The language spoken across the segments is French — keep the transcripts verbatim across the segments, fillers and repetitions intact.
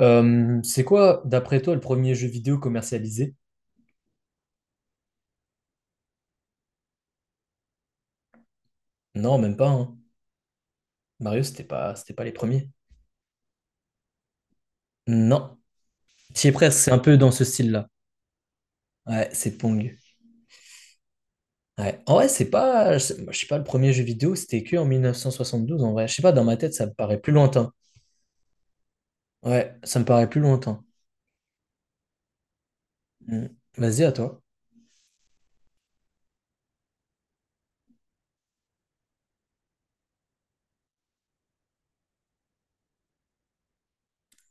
Euh, c'est quoi, d'après toi, le premier jeu vidéo commercialisé? Non, même pas, hein. Mario, c'était pas, c'était pas les premiers. Non. T'y es presque, c'est un peu dans ce style-là. Ouais, c'est Pong. Ouais. En vrai, c'est pas, je sais moi, je sais pas, le premier jeu vidéo, c'était que en mille neuf cent soixante douze, en vrai. Je sais pas, dans ma tête, ça me paraît plus lointain. Ouais, ça me paraît plus lointain. Mm. Vas-y, à toi.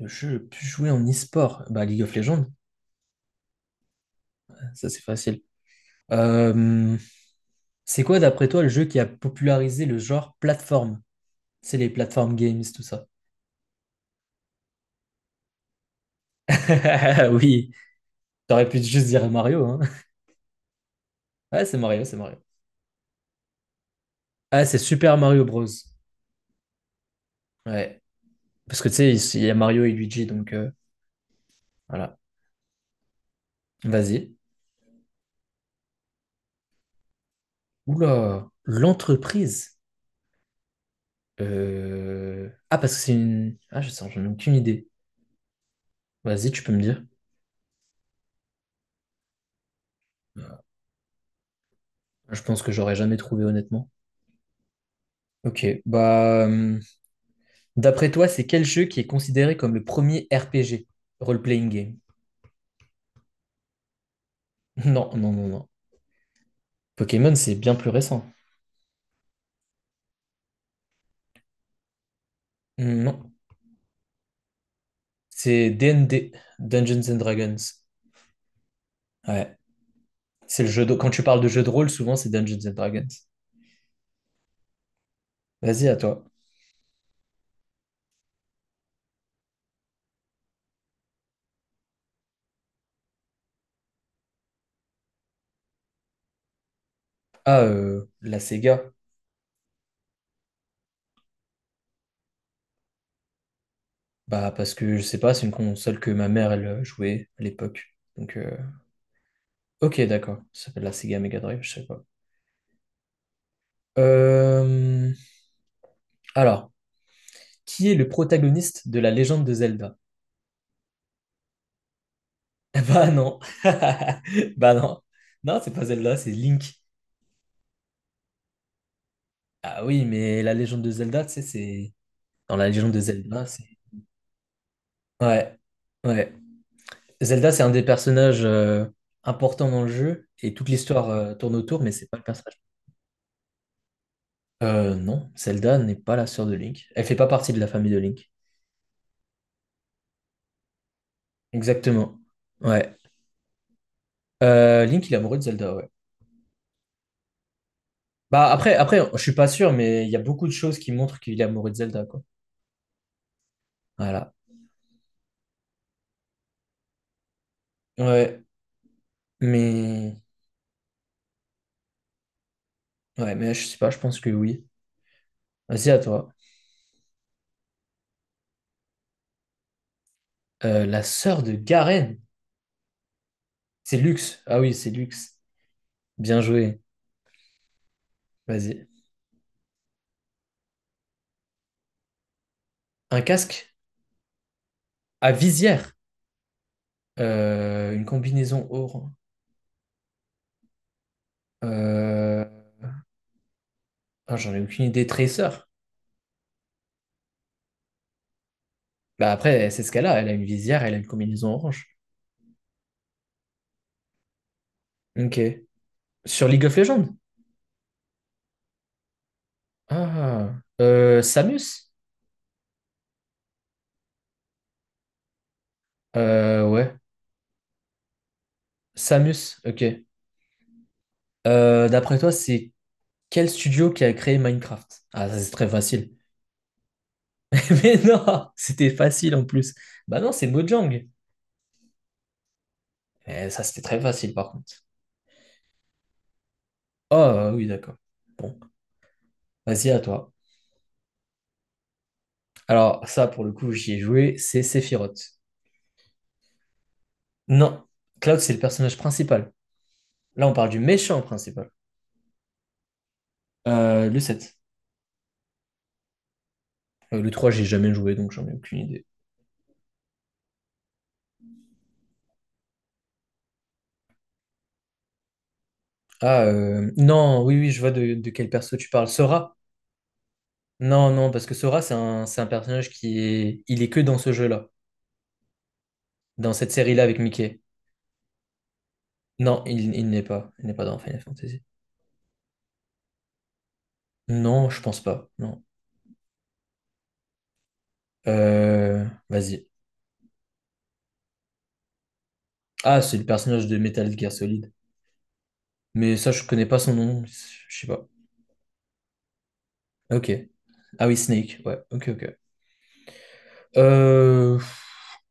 Le jeu le plus joué en e-sport, bah League of Legends, ça c'est facile. Euh, c'est quoi, d'après toi, le jeu qui a popularisé le genre plateforme? C'est les plateformes games, tout ça. Oui, t'aurais pu juste dire Mario, hein. Ouais, c'est Mario, c'est Mario. Ah, c'est Super Mario Bros. Ouais. Parce que tu sais, il y a Mario et Luigi, donc euh, voilà. Vas-y. Oula, l'entreprise. Euh... Ah, parce que c'est une. Ah, je sens, j'en ai aucune idée. Vas-y, tu peux me dire. Je pense que j'aurais jamais trouvé, honnêtement. Ok, bah. hum, D'après toi, c'est quel jeu qui est considéré comme le premier R P G? Role-playing game. Non, non, non, non. Pokémon, c'est bien plus récent. Non. C'est D et D, Dungeons and Dragons. Ouais. C'est le jeu de... Quand tu parles de jeu de rôle, souvent c'est Dungeons and Dragons. Vas-y, à toi. Ah, euh, la Sega. Bah, parce que je sais pas, c'est une console que ma mère, elle euh, jouait à l'époque. Donc, euh, ok, d'accord. Ça s'appelle la Sega Mega Drive, je sais pas. Euh, Alors, qui est le protagoniste de la légende de Zelda? Bah non. Bah non. Non, c'est pas Zelda, c'est Link. Ah oui, mais la légende de Zelda, tu sais, c'est. Dans la légende de Zelda, c'est. Ouais, ouais. Zelda, c'est un des personnages euh, importants dans le jeu et toute l'histoire euh, tourne autour, mais c'est pas le personnage. Euh, non, Zelda n'est pas la sœur de Link. Elle fait pas partie de la famille de Link. Exactement. Ouais. Euh, Link, il est amoureux de Zelda, ouais. Bah après, après, je suis pas sûr, mais il y a beaucoup de choses qui montrent qu'il est amoureux de Zelda, quoi. Voilà. Ouais. Mais ouais, mais je sais pas, je pense que oui. Vas-y à toi. Euh, la sœur de Garen. C'est Lux. Ah oui, c'est Lux. Bien joué. Vas-y. Un casque à visière, euh, une combinaison or. Euh, ah, j'en ai aucune idée. Tracer. Bah après, c'est ce qu'elle a. Elle a une visière, elle a une combinaison orange. Ok. Sur League of Legends. Ah. Euh, Samus. Euh, ouais. Samus. Ok. Euh, d'après toi, c'est quel studio qui a créé Minecraft? Ah, ça c'est très facile. Mais non, c'était facile en plus. Bah non, c'est Mojang. Eh, ça c'était très facile par contre. Ah oui, d'accord. Bon, vas-y à toi. Alors, ça, pour le coup, j'y ai joué, c'est Sephiroth. Non, Cloud, c'est le personnage principal. Là, on parle du méchant principal. Euh, le sept. Euh, le trois, j'ai jamais joué, donc j'en ai aucune idée. Ah, euh, non, oui, oui, je vois de, de quel perso tu parles. Sora? Non, non, parce que Sora, c'est un, c'est un personnage qui est... Il est que dans ce jeu-là, dans cette série-là avec Mickey. Non, il, il n'est pas. Il n'est pas dans Final Fantasy. Non, je pense pas, non. Euh, vas-y. Ah, c'est le personnage de Metal Gear Solid. Mais ça, je connais pas son nom, je sais pas. Ok. Ah oui, Snake, ouais, ok, ok. Euh,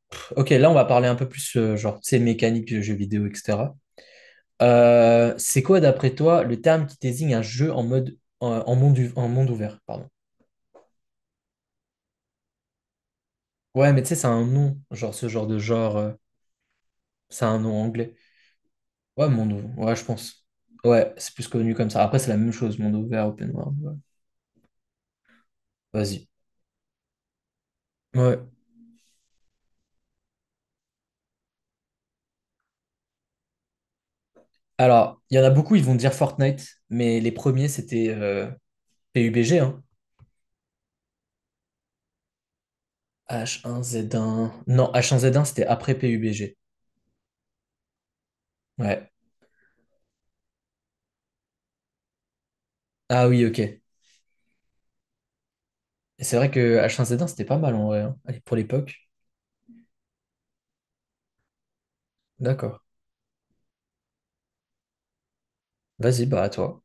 pff, ok, là, on va parler un peu plus, euh, genre, tu sais, mécanique de jeux vidéo, et cetera. Euh, c'est quoi, d'après toi, le terme qui désigne un jeu en mode, en, en monde, u- en monde ouvert, pardon. Ouais, mais tu sais, c'est un nom, genre, ce genre de genre, euh, c'est un nom anglais. Ouais, monde ouvert, ouais, je pense. Ouais, c'est plus connu comme ça. Après, c'est la même chose, monde ouvert, open world. Ouais. Vas-y. Ouais. Alors, il y en a beaucoup, ils vont dire Fortnite, mais les premiers, c'était euh, P U B G, h un z un Non, h un z un c'était après P U B G. Ouais. Ah oui, ok. Et c'est vrai que h un z un c'était pas mal en vrai, hein. Allez, pour l'époque. D'accord. Vas-y, bah à toi.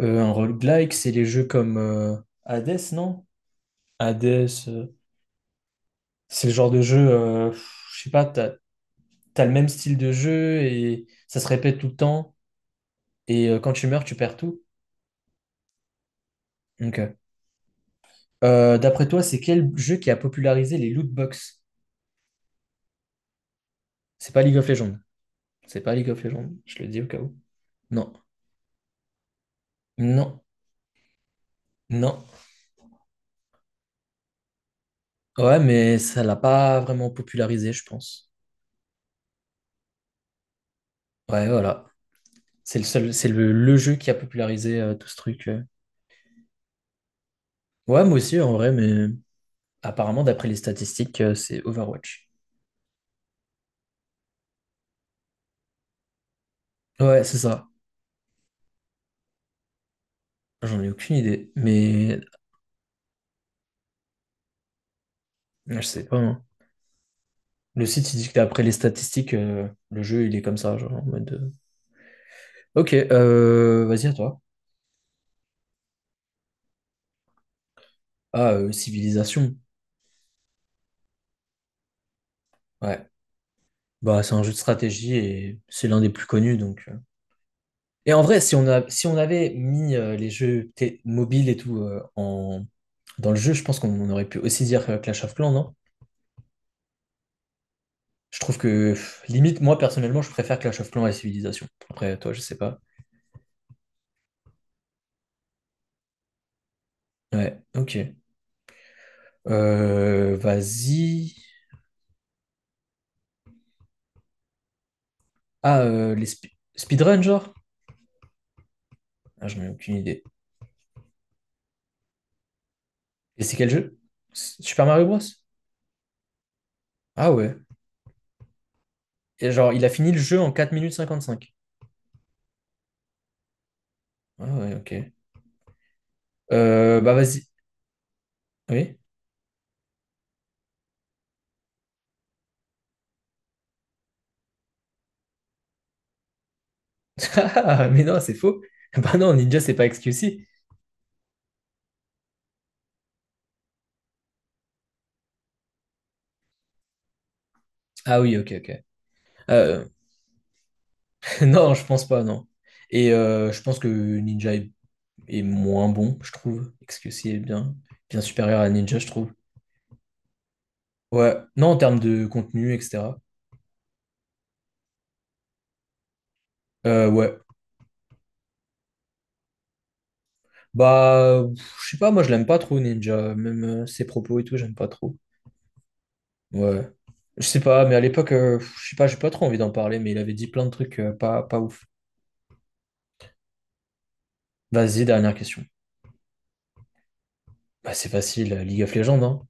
Euh, un roguelike, c'est les jeux comme euh, Hades, non? Hades, euh, c'est le genre de jeu, euh, pff, je sais pas, t'as, t'as le même style de jeu et ça se répète tout le temps. Et euh, quand tu meurs, tu perds tout. Ok. Euh, d'après toi, c'est quel jeu qui a popularisé les loot box? C'est pas League of Legends. C'est pas League of Legends, je le dis au cas où. Non. Non, non. Ouais, mais ça l'a pas vraiment popularisé, je pense. Ouais, voilà. C'est le seul, c'est le, le jeu qui a popularisé euh, tout ce truc. Euh, ouais, moi aussi, en vrai, mais apparemment, d'après les statistiques, euh, c'est Overwatch. Ouais, c'est ça. J'en ai aucune idée, mais je sais pas, hein. Le site, il dit que d'après les statistiques, euh, le jeu, il est comme ça, genre en mode. Euh, ok, euh, vas-y à toi. Ah, euh, Civilisation. Ouais. Bah, c'est un jeu de stratégie et c'est l'un des plus connus, donc. Euh, et en vrai, si on a, si on avait mis euh, les jeux té- mobiles et tout euh, en, dans le jeu, je pense qu'on aurait pu aussi dire euh, Clash of Clans, non? Je trouve que, pff, limite, moi, personnellement, je préfère Clash of Clans à Civilization. Après, toi, je sais pas. Ouais, ok. Euh, vas-y. Ah, euh, les spe- speedrun, genre? Ah, j'en ai aucune idée. Et c'est quel jeu? S- Super Mario Bros? Ah ouais. Et genre, il a fini le jeu en quatre minutes cinquante-cinq. Ah ouais, ok. Euh, bah vas-y. Oui? Ah, mais non, c'est faux. Bah non, Ninja, c'est pas X Q C. Ah oui, ok, ok. Euh, non, je pense pas, non. Et euh, je pense que Ninja est, est moins bon, je trouve. X Q C est bien, bien supérieur à Ninja, je trouve. Ouais, non, en termes de contenu, et cetera. Euh, ouais. Bah, pff, je sais pas, moi, je l'aime pas trop, Ninja. Même euh, ses propos et tout, j'aime pas trop. Ouais. Je sais pas, mais à l'époque, euh, pff, je sais pas, j'ai pas trop envie d'en parler, mais il avait dit plein de trucs euh, pas, pas ouf. Vas-y, dernière question. Bah, c'est facile, euh, League of Legends, hein.